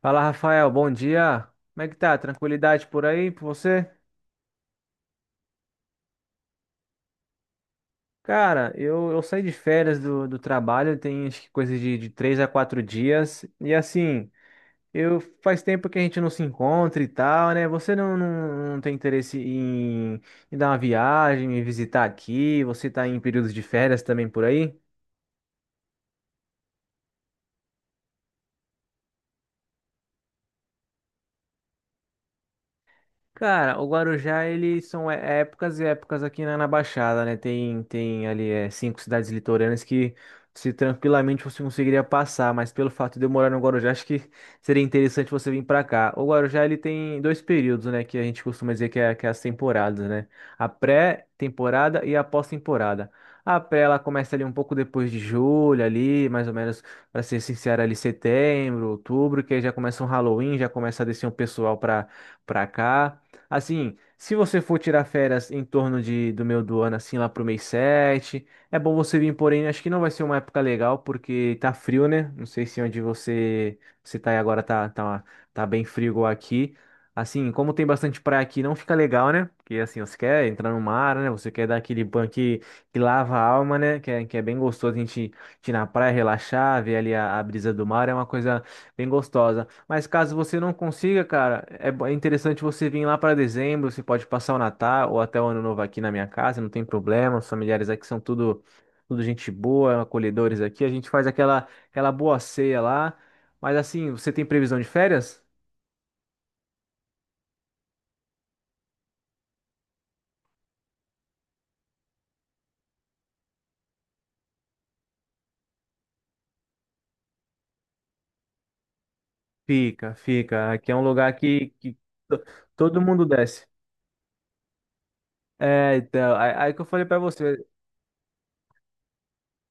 Fala, Rafael, bom dia. Como é que tá? Tranquilidade por aí, por você? Cara, eu saí de férias do trabalho, tem acho que coisa de, 3 a 4 dias. E assim, eu faz tempo que a gente não se encontra e tal, né? Você não tem interesse em, dar uma viagem, me visitar aqui? Você tá em períodos de férias também por aí? Cara, o Guarujá, eles são épocas e épocas aqui na Baixada, né? Tem ali cinco cidades litorâneas que se tranquilamente você conseguiria passar, mas pelo fato de eu morar no Guarujá, acho que seria interessante você vir pra cá. O Guarujá, ele tem dois períodos, né? Que a gente costuma dizer que é as temporadas, né? A pré-temporada e a pós-temporada. A pré, ela começa ali um pouco depois de julho, ali, mais ou menos, pra ser sincero, ali setembro, outubro, que aí já começa um Halloween, já começa a descer um pessoal pra, cá. Assim, se você for tirar férias em torno do meio do ano, assim, lá pro mês 7 é bom você vir, porém, acho que não vai ser uma época legal, porque tá frio, né? Não sei se onde você tá aí agora tá, tá bem frio igual aqui. Assim, como tem bastante praia aqui, não fica legal, né? Porque, assim, você quer entrar no mar, né? Você quer dar aquele banho que lava a alma, né? Que é bem gostoso a gente ir na praia, relaxar, ver ali a brisa do mar, é uma coisa bem gostosa. Mas caso você não consiga, cara, é interessante você vir lá para dezembro. Você pode passar o Natal ou até o Ano Novo aqui na minha casa, não tem problema. Os familiares aqui são tudo gente boa, acolhedores aqui. A gente faz aquela boa ceia lá. Mas assim, você tem previsão de férias? Fica, fica. Aqui é um lugar que to- todo mundo desce. É, então, aí que eu falei para você.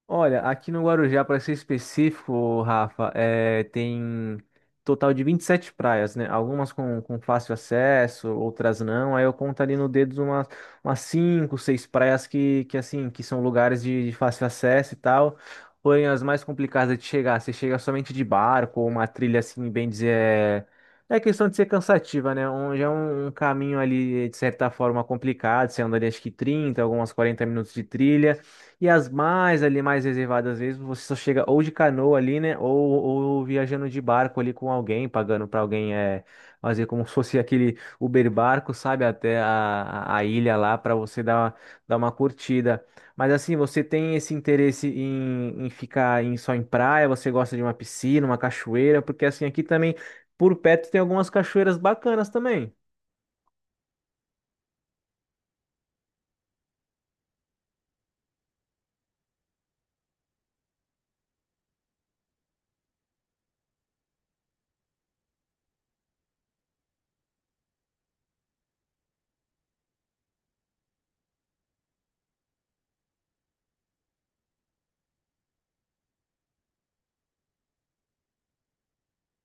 Olha, aqui no Guarujá, para ser específico, Rafa, tem total de 27 praias, né? Algumas com fácil acesso, outras não. Aí eu conto ali no dedo umas 5, 6 praias que, assim, que são lugares de fácil acesso e tal. Porém, as mais complicadas de chegar, você chega somente de barco ou uma trilha, assim, bem dizer, é questão de ser cansativa, né? Já é um caminho ali, de certa forma, complicado. Você anda ali, acho que 30, algumas 40 minutos de trilha. E as mais ali, mais reservadas, às vezes você só chega ou de canoa ali, né? Ou viajando de barco ali com alguém, pagando para alguém fazer como se fosse aquele Uber barco, sabe? Até a ilha lá para você dar uma curtida. Mas assim, você tem esse interesse em ficar só em praia? Você gosta de uma piscina, uma cachoeira? Porque assim, aqui também, por perto, tem algumas cachoeiras bacanas também.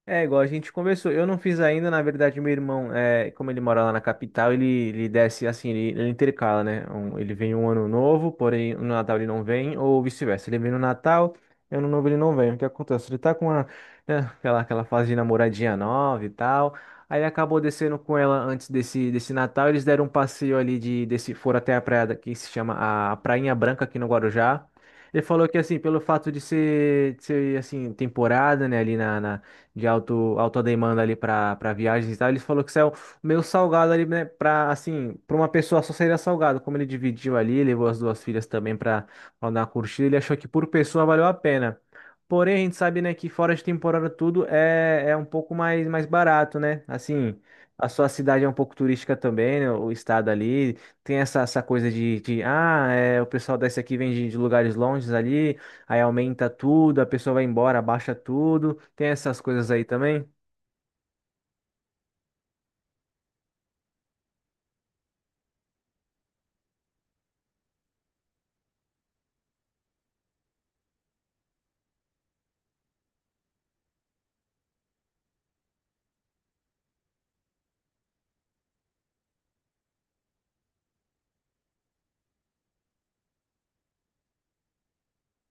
É, igual a gente conversou. Eu não fiz ainda, na verdade, meu irmão, é, como ele mora lá na capital, ele desce assim, ele intercala, né? Ele vem um ano novo, porém no Natal ele não vem, ou vice-versa. Ele vem no Natal, ano novo ele não vem. O que acontece? Ele tá com né, aquela fase de namoradinha nova e tal. Aí ele acabou descendo com ela antes desse Natal. Eles deram um passeio ali foram até a praia que se chama a Prainha Branca aqui no Guarujá. Ele falou que assim, pelo fato de ser assim, temporada, né, ali de alta demanda ali para viagens e tal. Ele falou que isso é o meio salgado ali, né? Para assim, para uma pessoa só seria salgado. Como ele dividiu ali, levou as duas filhas também para dar uma curtida, ele achou que por pessoa valeu a pena. Porém, a gente sabe, né, que fora de temporada tudo é um pouco mais barato, né? Assim, a sua cidade é um pouco turística também, né? O estado ali tem essa coisa, o pessoal desce aqui vem de lugares longes ali, aí aumenta tudo, a pessoa vai embora, abaixa tudo. Tem essas coisas aí também?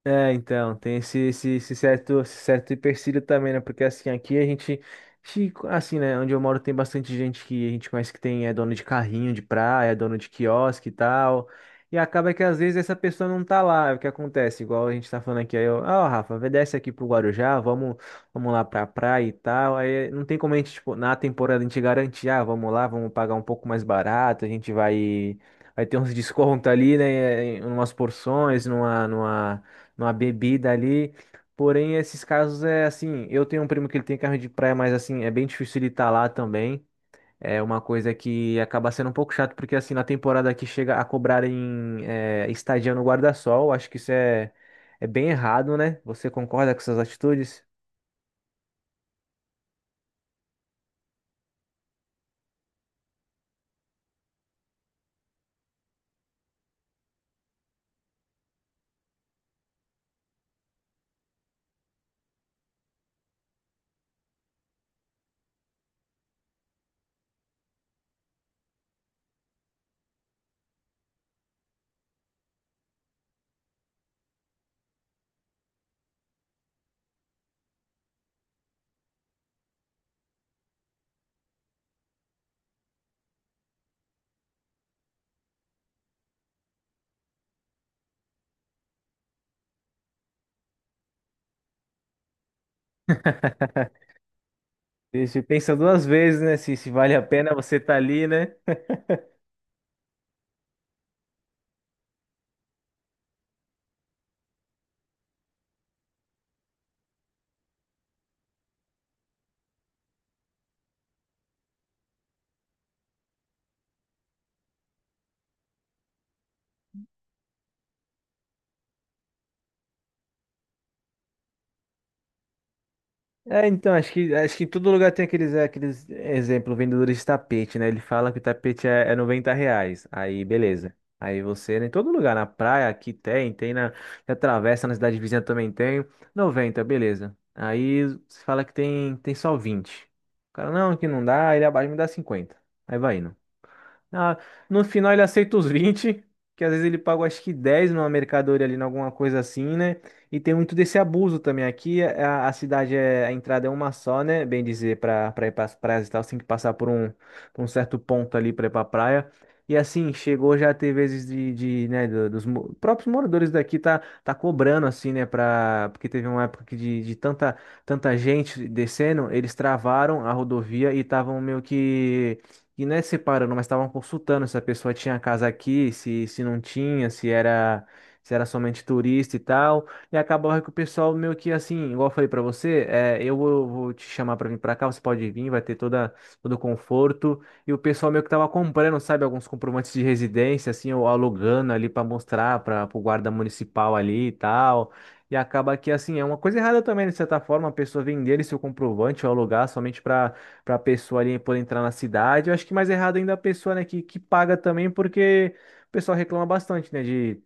É, então, tem esse certo empecilho também, né? Porque assim, aqui a gente, assim, né? Onde eu moro tem bastante gente que a gente conhece que é dono de carrinho de praia, é dono de quiosque e tal. E acaba que às vezes essa pessoa não tá lá. O que acontece? Igual a gente tá falando aqui, aí eu, ah, Rafa, vê, desce aqui pro Guarujá, vamos lá pra praia e tal. Aí não tem como a gente, tipo, na temporada a gente garantir, ah, vamos lá, vamos pagar um pouco mais barato, a gente vai. Vai ter uns descontos ali, né? Em umas porções, numa bebida ali. Porém, esses casos é assim, eu tenho um primo que ele tem carro de praia, mas assim, é bem difícil ele estar lá também. É uma coisa que acaba sendo um pouco chato, porque assim, na temporada aqui chega a cobrarem estadia no guarda-sol, acho que é bem errado, né? Você concorda com essas atitudes? E você pensa duas vezes, né? Se vale a pena você estar ali, né? É, então, acho que em todo lugar tem aqueles, aqueles exemplo, vendedores de tapete, né? Ele fala que o tapete é R$ 90. Aí, beleza. Aí você, né, em todo lugar, na praia, aqui tem na travessa, na cidade vizinha também tem. 90, beleza. Aí você fala que tem só 20. O cara, não, que não dá, ele abaixa, me dá 50. Aí vai indo. Ah, no final ele aceita os 20, que às vezes ele paga acho que 10 numa mercadoria ali, em alguma coisa assim, né? E tem muito desse abuso também. Aqui a cidade, a entrada é uma só, né? Bem dizer, para pra pra ir para as praias e tal, você tem que passar por um certo ponto ali para ir para praia. E assim, chegou já teve vezes né, próprios moradores daqui tá cobrando assim, né, porque teve uma época que de tanta gente descendo, eles travaram a rodovia e estavam meio que, e não é separando, mas estavam consultando se a pessoa tinha casa aqui, se não tinha, se era somente turista e tal. E acabou que o pessoal meio que assim, igual eu falei pra você, eu vou te chamar pra vir pra cá, você pode vir, vai ter todo o conforto. E o pessoal meio que tava comprando, sabe, alguns comprovantes de residência, assim, ou alugando ali pra mostrar para o guarda municipal ali e tal. E acaba que, assim, é uma coisa errada também, de certa forma, a pessoa vender esse seu comprovante ou alugar somente para a pessoa ali poder entrar na cidade. Eu acho que mais errado ainda a pessoa, né, que paga também, porque o pessoal reclama bastante, né, de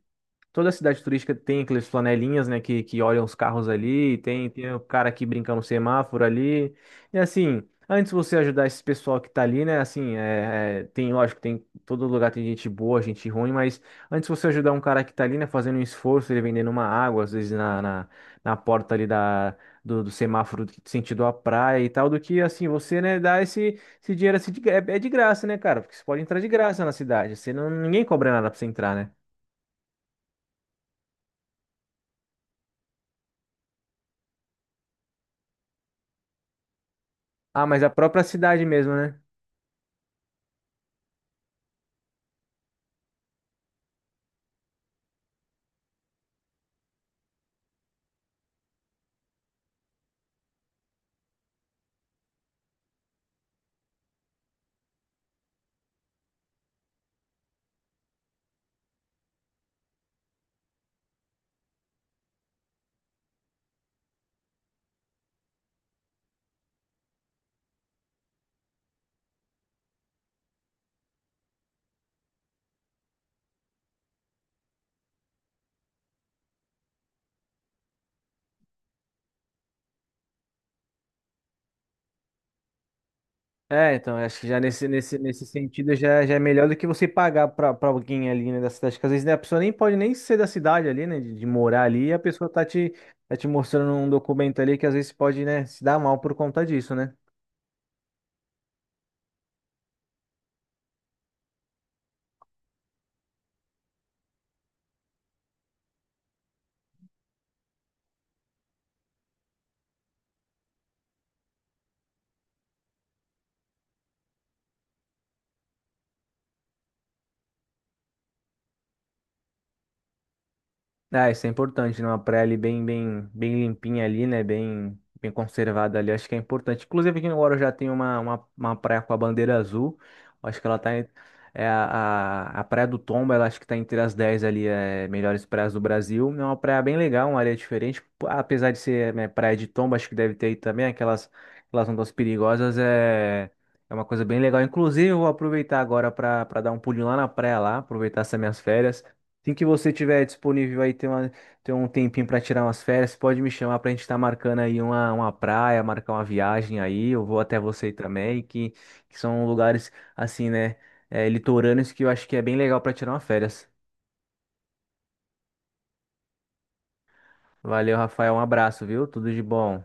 toda cidade turística tem aqueles flanelinhas, né, que olham os carros ali, tem o cara aqui brincando no semáforo ali. E assim, antes de você ajudar esse pessoal que tá ali, né, assim, tem, lógico, todo lugar tem gente boa, gente ruim, mas antes de você ajudar um cara que tá ali, né, fazendo um esforço, ele vendendo uma água, às vezes na porta ali do semáforo sentido à praia e tal, do que, assim, você, né, dar esse dinheiro, assim, de graça, né, cara, porque você pode entrar de graça na cidade, você não, ninguém cobra nada pra você entrar, né? Ah, mas a própria cidade mesmo, né? É, então, acho que já nesse sentido já é melhor do que você pagar pra alguém ali, né, da cidade, que às vezes né, a pessoa nem pode nem ser da cidade ali, né, de morar ali, e a pessoa tá te mostrando um documento ali que às vezes pode, né, se dar mal por conta disso, né? Ah, isso é importante, né? Uma praia ali bem, bem, bem limpinha ali, né? Bem, bem conservada ali, acho que é importante. Inclusive aqui no Guarujá tem uma praia com a bandeira azul, acho que ela tá, é a Praia do Tomba, ela acho que tá entre as 10 ali, melhores praias do Brasil. É uma praia bem legal, uma areia diferente. Pô, apesar de ser, né, praia de Tomba, acho que deve ter aí também aquelas ondas perigosas, é uma coisa bem legal. Inclusive, eu vou aproveitar agora para dar um pulinho lá na praia lá, aproveitar essas minhas férias. Assim que você tiver disponível aí, ter uma, ter um tempinho para tirar umas férias, pode me chamar para a gente estar marcando aí uma praia, marcar uma viagem aí. Eu vou até você também, que são lugares assim, né, litorâneos que eu acho que é bem legal para tirar uma férias. Valeu, Rafael, um abraço, viu? Tudo de bom.